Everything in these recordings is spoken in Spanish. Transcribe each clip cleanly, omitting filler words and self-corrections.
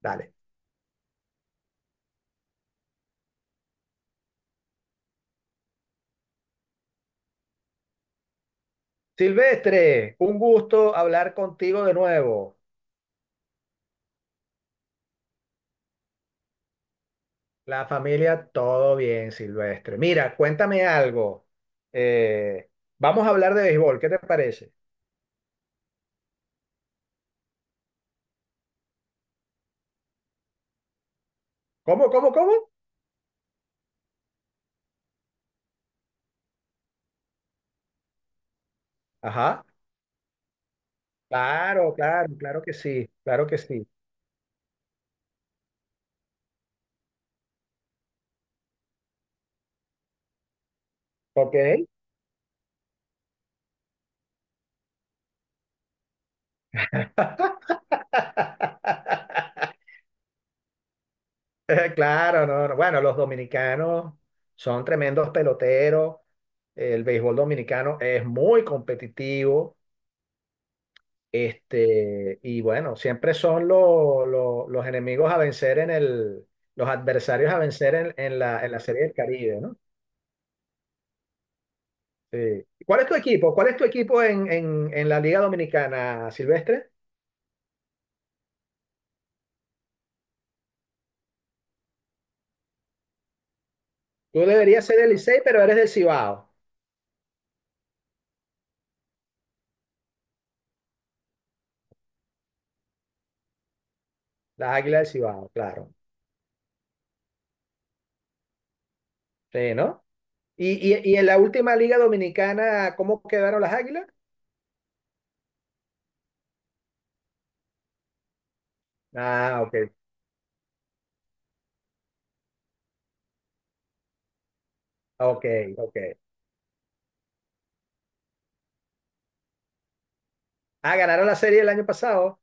Dale. Silvestre, un gusto hablar contigo de nuevo. La familia, todo bien, Silvestre. Mira, cuéntame algo. Eh, Vamos a hablar de béisbol, ¿qué te parece? ¿Cómo, cómo, cómo? Ajá. Claro, claro, claro que sí, claro que sí. Ok. Claro, no, no. Bueno, los dominicanos son tremendos peloteros. El béisbol dominicano es muy competitivo. Este, y bueno, siempre son los enemigos a vencer los adversarios a vencer en la Serie del Caribe, ¿no? Sí. ¿Cuál es tu equipo? ¿Cuál es tu equipo en la Liga Dominicana, Silvestre? Tú deberías ser del Licey, pero eres del Cibao, las Águilas del Cibao, claro. Sí, ¿no? Y en la última Liga Dominicana, ¿cómo quedaron las Águilas? Ah, ok, ok, ok. Ah, ganaron la serie el año pasado.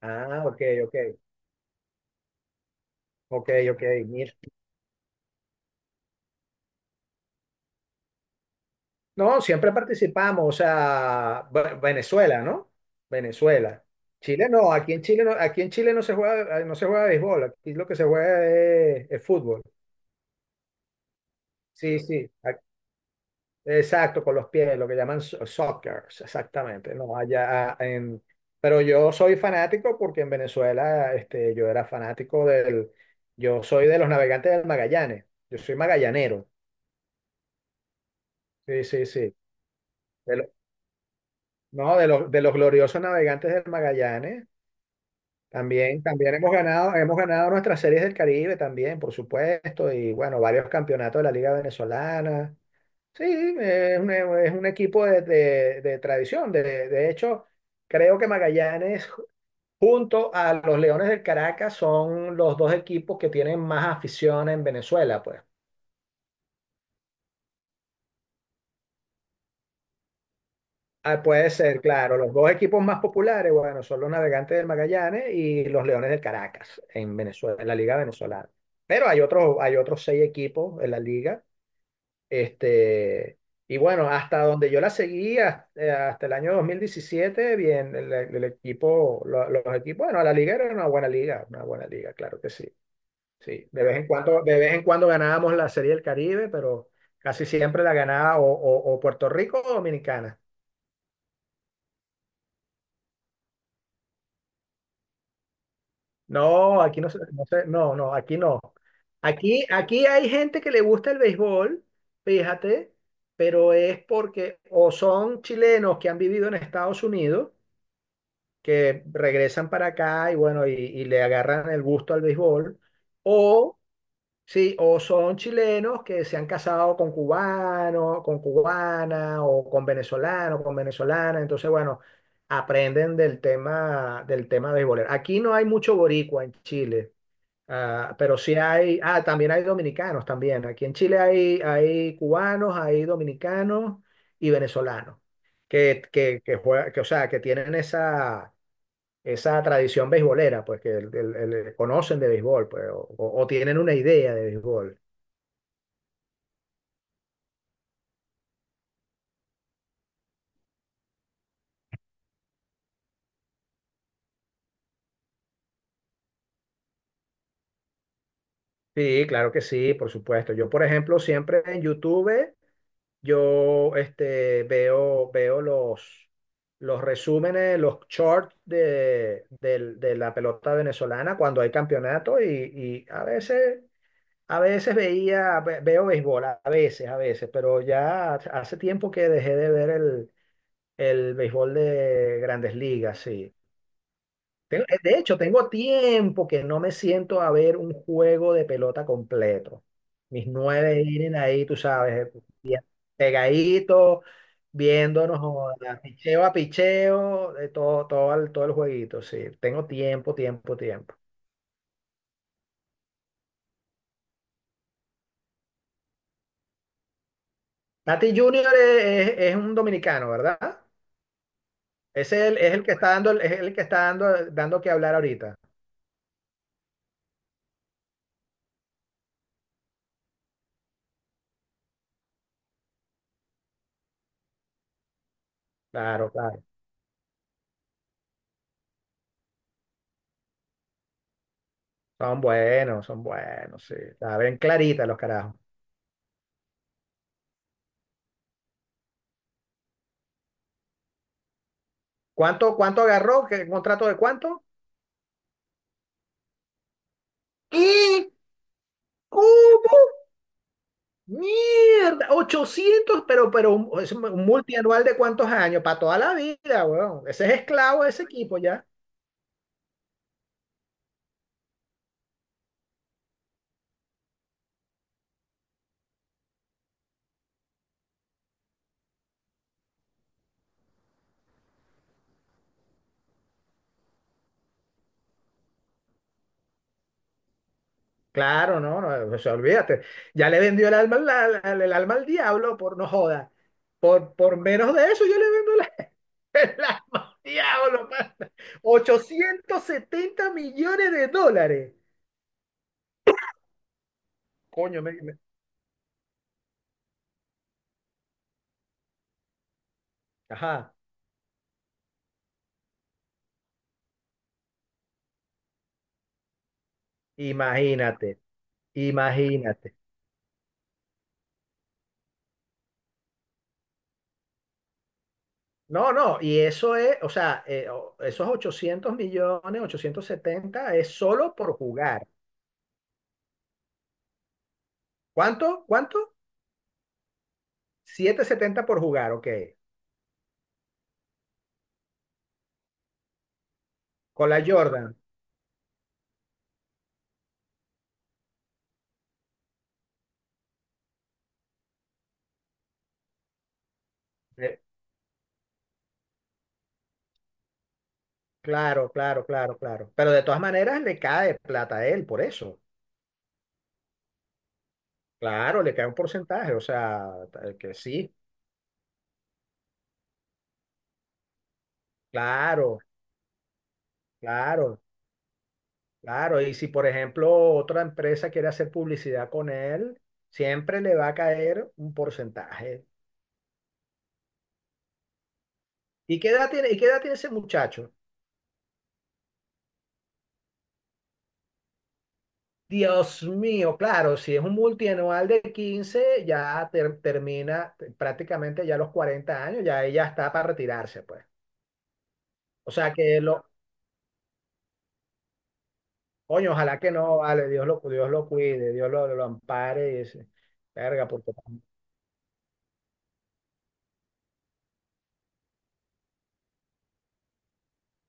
Ah, ok, ok, ok, ok, mira. No, siempre participamos, o sea, Venezuela, ¿no? Venezuela. Chile no, aquí en Chile no, aquí en Chile no se juega, no se juega béisbol, aquí lo que se juega es fútbol. Sí, sí, exacto, con los pies, lo que llaman soccer, exactamente. No, allá pero yo soy fanático porque en Venezuela, este, yo soy de los navegantes del Magallanes, yo soy magallanero. Sí, sí, sí. De lo- no, de los gloriosos navegantes del Magallanes. También hemos ganado nuestras series del Caribe también, por supuesto, y bueno, varios campeonatos de la Liga Venezolana. Sí, es un equipo de tradición. De hecho, creo que Magallanes, junto a los Leones del Caracas, son los dos equipos que tienen más afición en Venezuela, pues. Ah, puede ser, claro. Los dos equipos más populares, bueno, son los Navegantes del Magallanes y los Leones del Caracas en Venezuela, en la Liga Venezolana. Pero hay otros seis equipos en la liga. Este, y bueno, hasta donde yo la seguí, hasta el año 2017 bien, el equipo, los equipos, bueno, la liga era una buena liga, claro que sí. Sí, de vez en cuando ganábamos la Serie del Caribe, pero casi siempre la ganaba o Puerto Rico o Dominicana. No, aquí no, no, aquí no. Aquí hay gente que le gusta el béisbol, fíjate, pero es porque o son chilenos que han vivido en Estados Unidos que regresan para acá y bueno, y le agarran el gusto al béisbol, o sí, o son chilenos que se han casado con cubanos, con cubana, o con venezolano, con venezolana, entonces bueno, aprenden del tema béisbolero. Aquí no hay mucho boricua en Chile. Pero sí hay, también hay dominicanos también. Aquí en Chile hay cubanos, hay dominicanos y venezolanos que, o sea, que tienen esa tradición beisbolera, pues que conocen de béisbol, pues, o tienen una idea de béisbol. Sí, claro que sí, por supuesto. Yo, por ejemplo, siempre en YouTube, yo este, veo los resúmenes, los shorts de la pelota venezolana cuando hay campeonato y, a veces veo béisbol, a veces, pero ya hace tiempo que dejé de ver el béisbol de grandes ligas, sí. De hecho, tengo tiempo que no me siento a ver un juego de pelota completo. Mis nueve vienen ahí, tú sabes, pegaditos, viéndonos, joda, picheo a picheo, de todo, todo el jueguito, sí. Tengo tiempo, tiempo, tiempo. Tati Junior es un dominicano, ¿verdad? Es el que está dando, es el que está dando, dando que hablar ahorita. Claro, claro. Son buenos, sí. Está clarita los carajos. ¿Cuánto agarró? ¿Qué contrato de cuánto? ¿Qué? ¿Cómo? Mierda, ochocientos, pero es un multianual de cuántos años, para toda la vida, weón. Ese es esclavo de ese equipo ya. Claro, no, no, se olvídate. Ya le vendió el alma, el alma al diablo, por no joda. Por menos de eso, yo le vendo el alma al diablo, pana. Ochocientos setenta millones de dólares. Coño, ajá, imagínate, imagínate. No, no, y eso es, o sea, esos 800 millones, 870 es solo por jugar. ¿Cuánto? ¿Cuánto? Setecientos setenta por jugar, ok. Con la Jordan. Eh, claro, claro, claro, claro. Pero de todas maneras le cae plata a él, por eso. Claro, le cae un porcentaje, o sea, que sí, claro, claro, claro. Y si, por ejemplo, otra empresa quiere hacer publicidad con él, siempre le va a caer un porcentaje. ¿Y qué edad tiene ese muchacho? Dios mío, claro, si es un multianual de 15, ya termina prácticamente ya los 40 años, ya ella está para retirarse, pues. O sea que lo, coño, ojalá que no, vale, Dios lo cuide, Dios lo ampare y verga, porque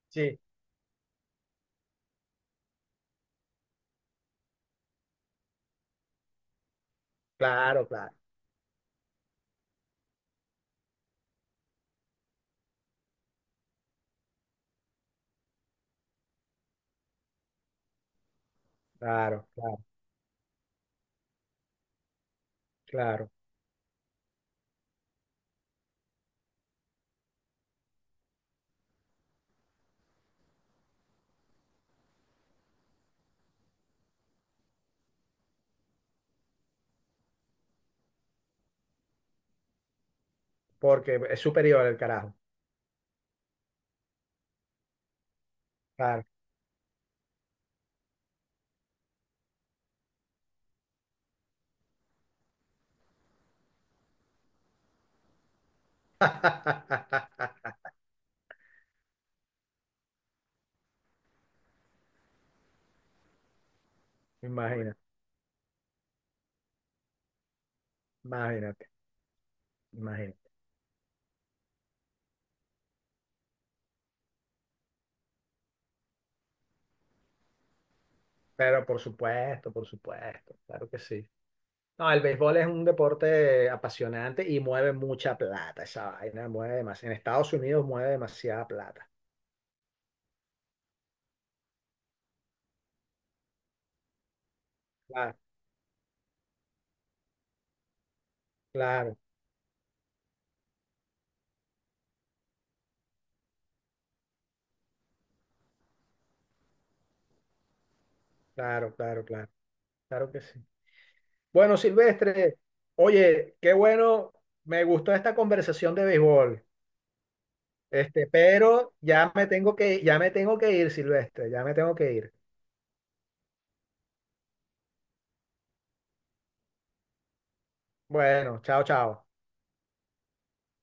sí, claro, claro, claro, claro, claro, porque es superior el carajo, claro. Imagina, imagínate, imagínate. Pero por supuesto, claro que sí. No, el béisbol es un deporte apasionante y mueve mucha plata. Esa vaina mueve más. En Estados Unidos mueve demasiada plata. Claro, claro, claro, claro, claro. Claro que sí. Bueno, Silvestre, oye, qué bueno. Me gustó esta conversación de béisbol. Este, pero ya me tengo que ir, Silvestre. Ya me tengo que ir. Bueno, chao, chao.